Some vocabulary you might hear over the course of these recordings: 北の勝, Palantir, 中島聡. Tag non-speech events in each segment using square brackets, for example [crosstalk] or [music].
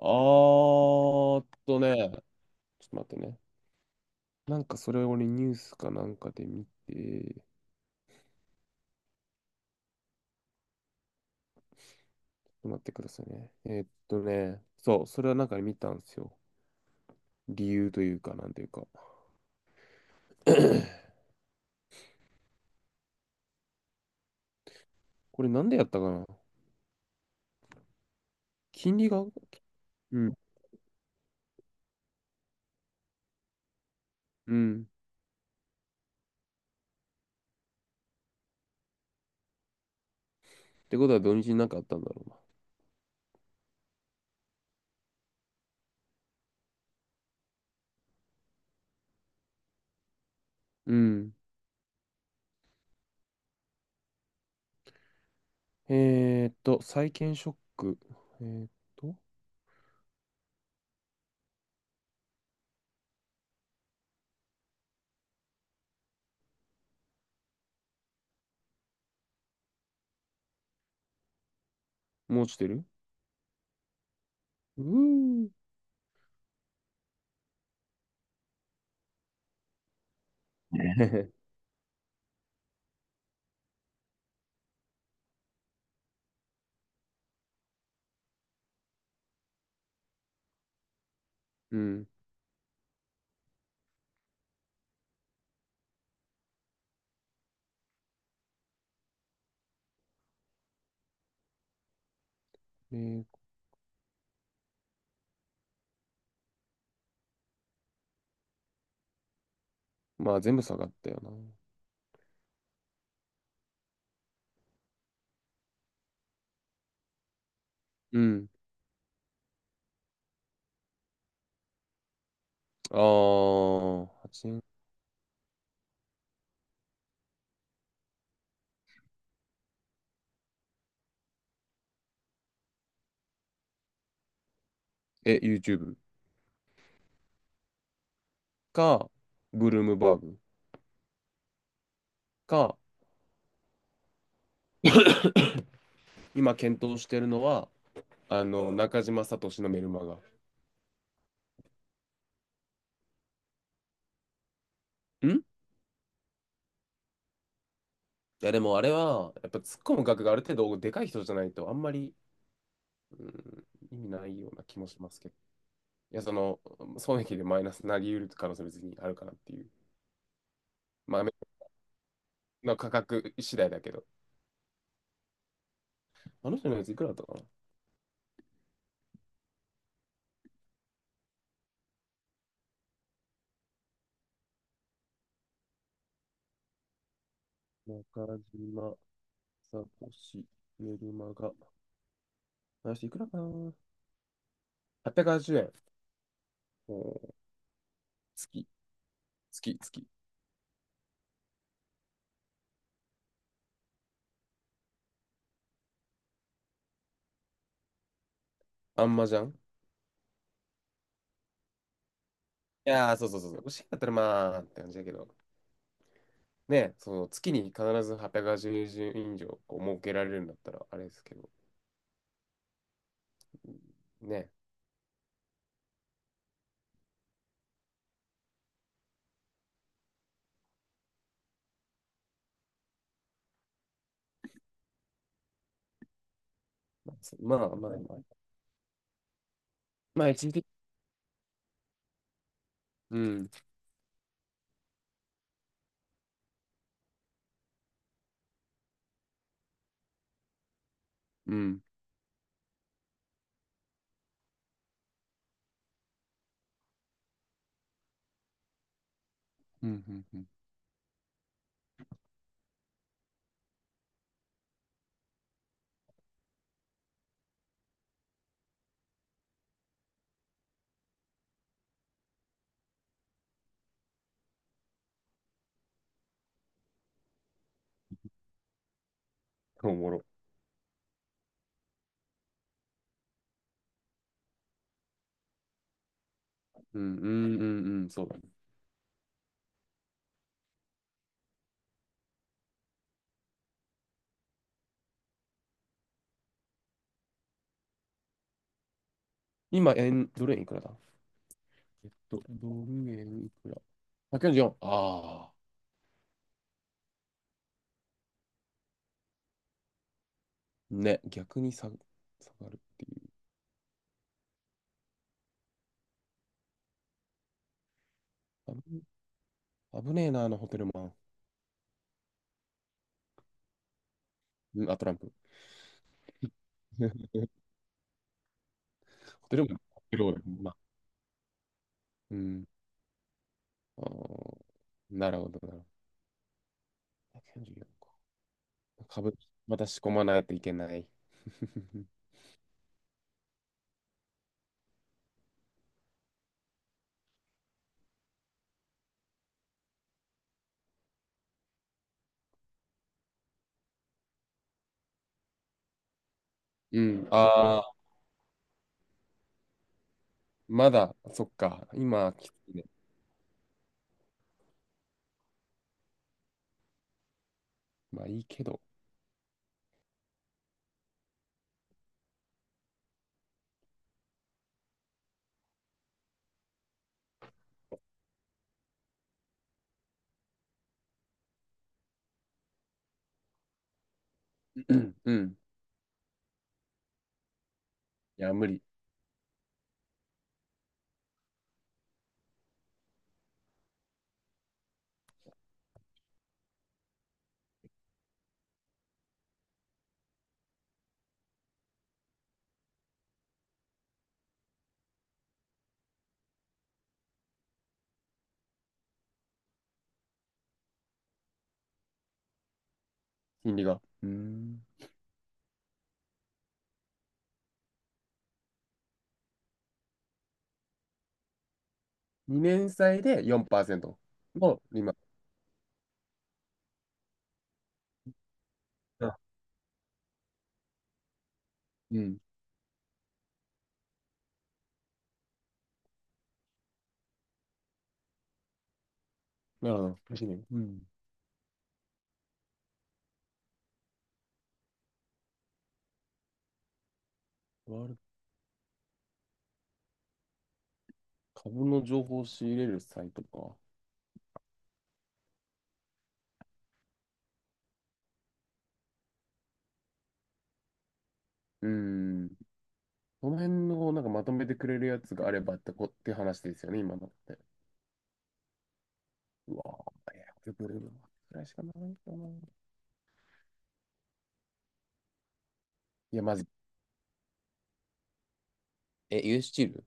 あーっとね、ちょっと待ってね。なんかそれをねニュースかなんかで見て、ちょっと待ってくださいね。そう、それはなんかで見たんですよ。理由というか、なんというか。[clears throat] これなんでやったかな？金利が。うん。うん。ってことは土日になんかあったんだろうな。うん。債券ショック。えーっと、もう落ちてる。うーん。[laughs] うん。えーまあ全部下がったよな。うん。あー、はちねん。え、YouTube か、ブルームバーグか、今検討してるのは、あの、中島聡のメルマガ。いや、でもあれは、やっぱ突っ込む額がある程度でかい人じゃないと、あんまり、うん、意味ないような気もしますけど。いや、その、損益でマイナスになり得る可能性は別にあるかなっていう。まあ、メの価格次第だけど。あの人のやついくらだったかな。中島、サトシ、メルマガ。あ、していくらかな？ 880 円。おー。月、月、月。あんまじゃん。いやー、そうそうそうそう。欲しいんだったらまあ、って感じだけど。ね、その月に必ず880円以上こう設けられるんだったらあれですけど。うん。ね。まあまあまあ。まあ一時的。うん。うん。うん。うん。うん。おもろ。うん。うん。うん。うんそうだね。今、ドル円いくらだ。ドル円いくら？ 144。ああ。ね、逆に下がるっていう。あぶ危ねえな、あのホテルマン。うん、あ、トランプ。[laughs] ホテルマン、ホテルマン。まあ、うん。あーなるほど、なるほど。1 4か。株、また仕込まないといけない。[laughs] うん、ああ、まだ、そっか。今、きついね。まあいいけど。うん、うん。いや、無理。金利が。うん。2年債で4%の、今。あ、うん。なるほど。楽しみ。うん。株の情報を仕入れるサイトか。うーん。この辺のなんかまとめてくれるやつがあればってこって話ですよね、今のって。うわぁ、や、これぐらいしかないかな。いや、まず、ユースチール。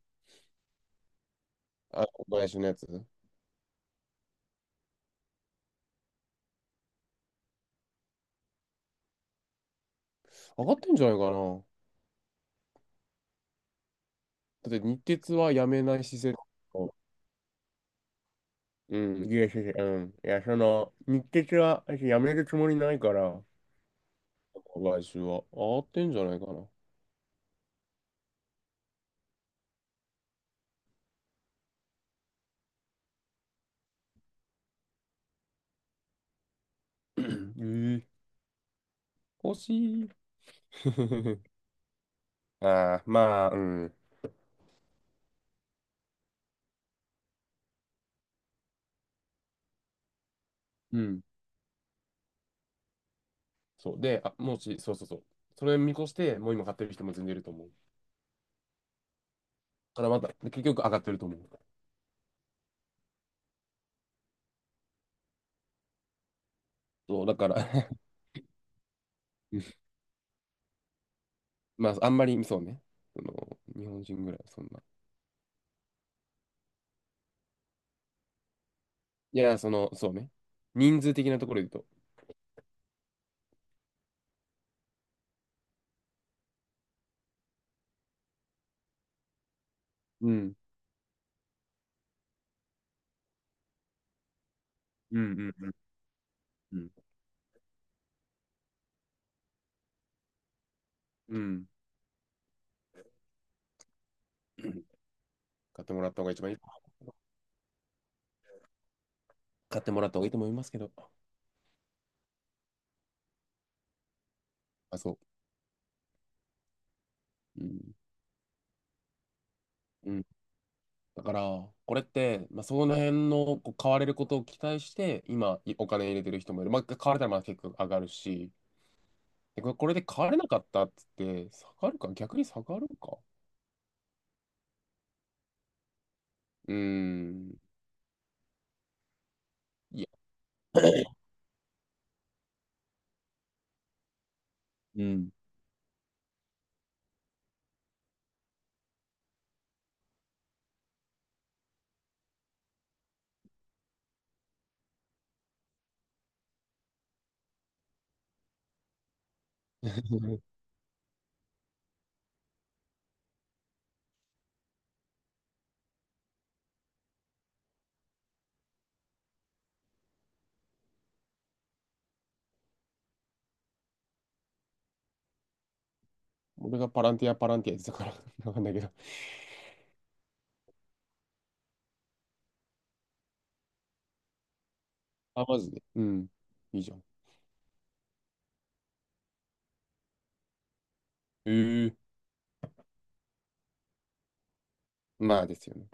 あ、小林のやつ上がってんじゃないかな。だって日鉄はやめない姿勢。うん、いや、いや、いや、うん。いや、その、日鉄は私やめるつもりないから、来週は上がってんじゃないかな。[clears throat] ええ、欲しい。[laughs] ああ、まあ、うん。うん。そう。で、あ、もし、そうそうそう。それ見越して、もう今買ってる人も全然いると思う。だからまた、で結局上がってると思う。そう、だから。 [laughs] うん。まあ、あんまり、そうね。その、日本人ぐらいはそんな。いや、その、そうね。人数的なところで言うと。うん。うんうんうんうん。うん。買ってもらった方が一番いい。買ってもらった方がいいと思いますけど。あ、そう。うん。うん。だから、これって、まあ、その辺のこう買われることを期待して、今、お金入れてる人もいる。まあ、買われたらまあ結構上がるし、でこれで変われなかったっつって、下がるか、逆に下がるか。うーん。いや、うん。[laughs] 俺がパランティアやってたから [laughs] わかんないけど。あ、マジで。うん。いいじゃん。ええ、まあですよね。